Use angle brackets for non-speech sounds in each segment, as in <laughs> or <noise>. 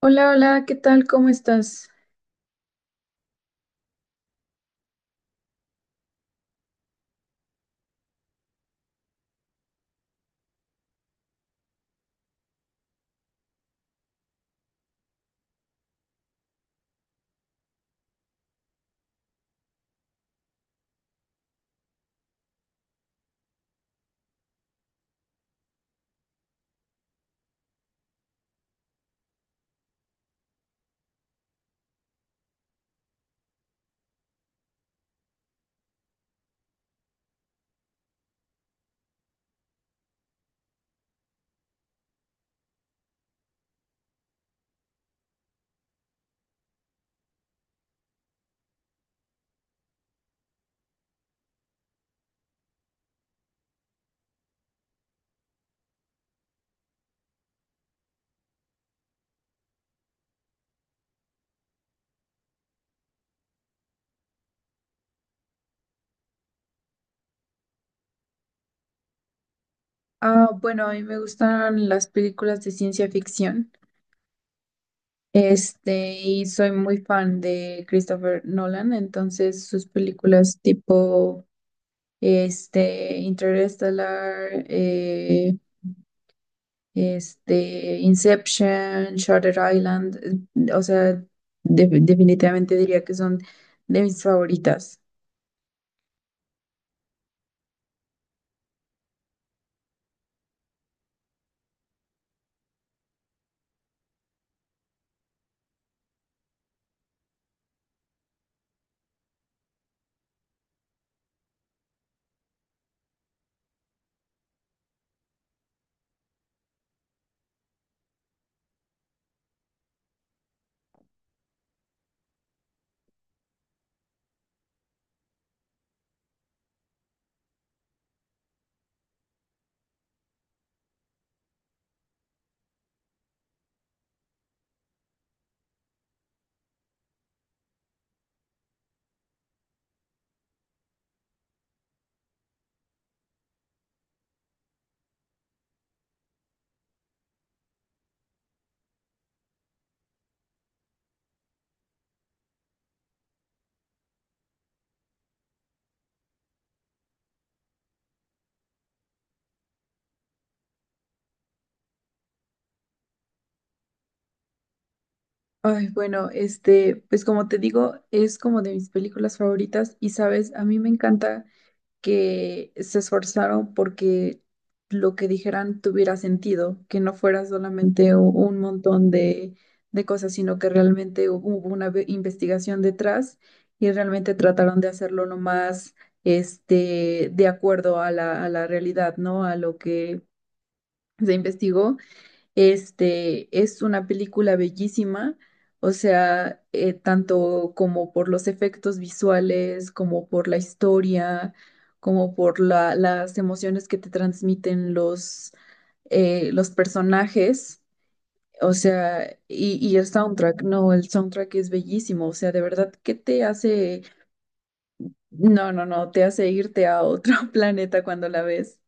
Hola, hola, ¿qué tal? ¿Cómo estás? Ah, bueno, a mí me gustan las películas de ciencia ficción. Y soy muy fan de Christopher Nolan, entonces sus películas tipo Interstellar, Inception, Shutter Island, eh, o sea, definitivamente diría que son de mis favoritas. Ay, bueno, pues como te digo, es como de mis películas favoritas y sabes, a mí me encanta. Que se esforzaron porque lo que dijeran tuviera sentido, que no fuera solamente un montón de cosas, sino que realmente hubo una investigación detrás y realmente trataron de hacerlo lo más de acuerdo a a la realidad, ¿no? A lo que se investigó. Este es una película bellísima, o sea, tanto como por los efectos visuales, como por la historia, como por las emociones que te transmiten los personajes, o sea, y el soundtrack, no, el soundtrack es bellísimo, o sea, de verdad que te hace, no, te hace irte a otro <laughs> planeta cuando la ves.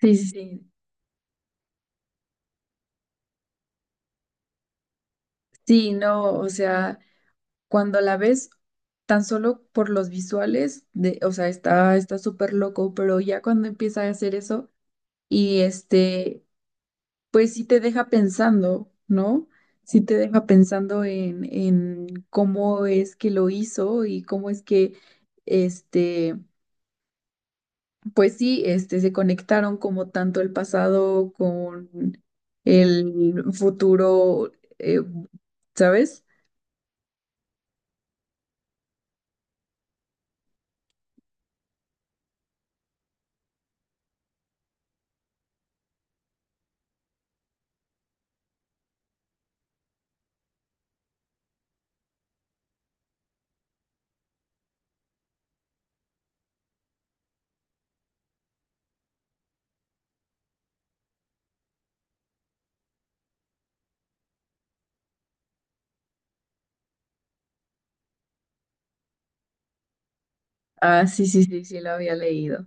Sí, sí, sí, sí, no, o sea, cuando la ves tan solo por los visuales, o sea, está súper loco, pero ya cuando empieza a hacer eso y este, pues sí te deja pensando, ¿no? Sí te deja pensando en cómo es que lo hizo y cómo es que, este, pues sí, se conectaron como tanto el pasado con el futuro, eh, ¿sabes? Ah, sí, sí, sí, sí, lo había leído.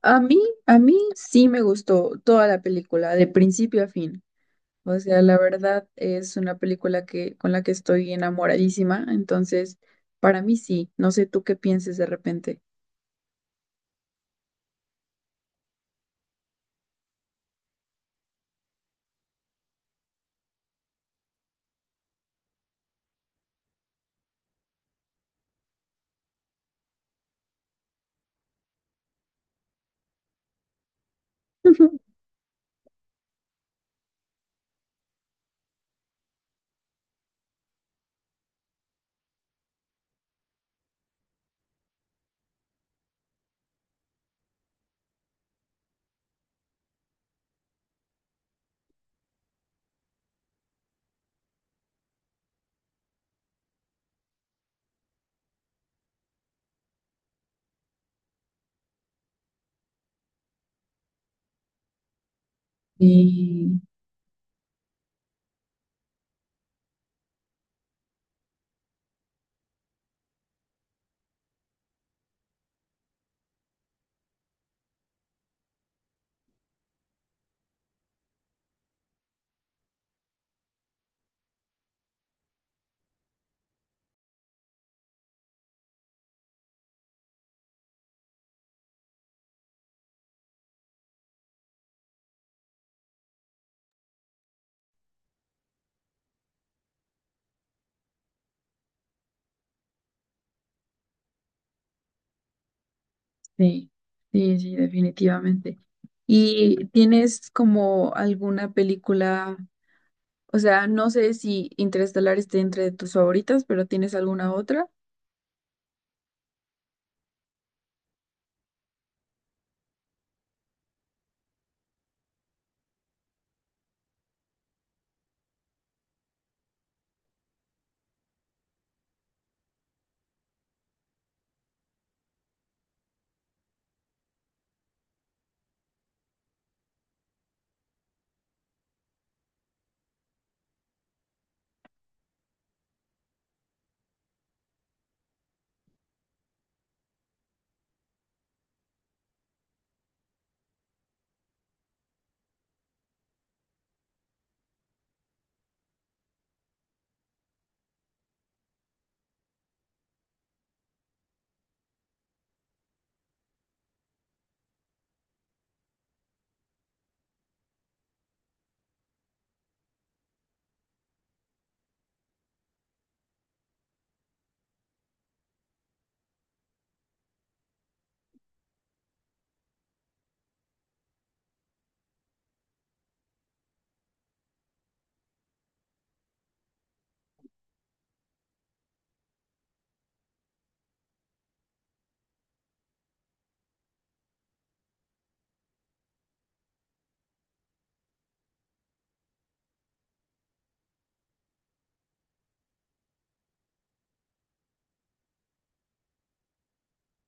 A mí, a mí sí me gustó toda la película, de principio a fin. O sea, la verdad es una película que, con la que estoy enamoradísima. Entonces, para mí sí. No sé tú qué pienses de repente. <laughs> Sí, sí, sí, sí, definitivamente. ¿Y tienes como alguna película, o sea, no sé si Interestelar esté entre tus favoritas, pero tienes alguna otra?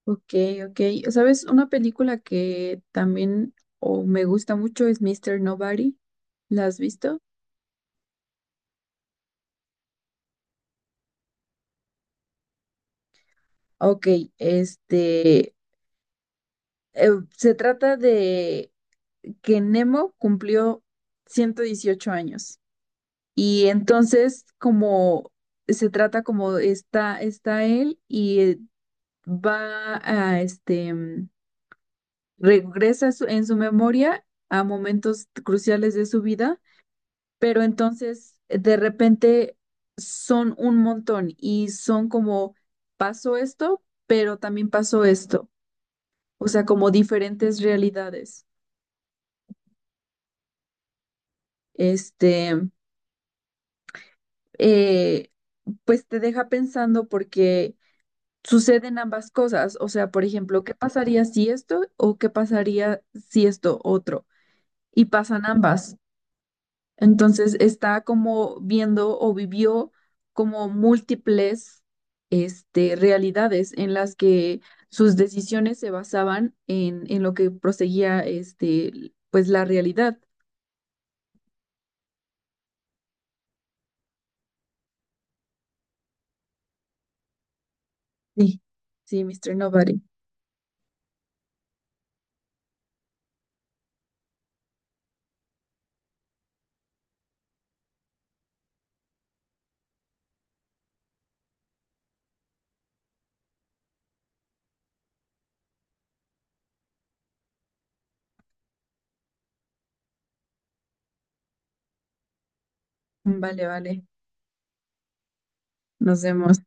Ok, ok. ¿Sabes? Una película que también o me gusta mucho es Mister Nobody. ¿La has visto? Ok, este, eh, se trata de que Nemo cumplió 118 años y entonces como se trata como está él y va a, regresa en su memoria a momentos cruciales de su vida, pero entonces de repente son un montón y son como pasó esto, pero también pasó esto, o sea, como diferentes realidades. Este, eh, pues te deja pensando porque suceden ambas cosas, o sea, por ejemplo, ¿qué pasaría si esto o qué pasaría si esto otro? Y pasan ambas. Entonces está como viendo o vivió como múltiples realidades en las que sus decisiones se basaban en lo que proseguía, pues la realidad. Sí, sí, Mister Nobody. Vale, vale. Nos vemos.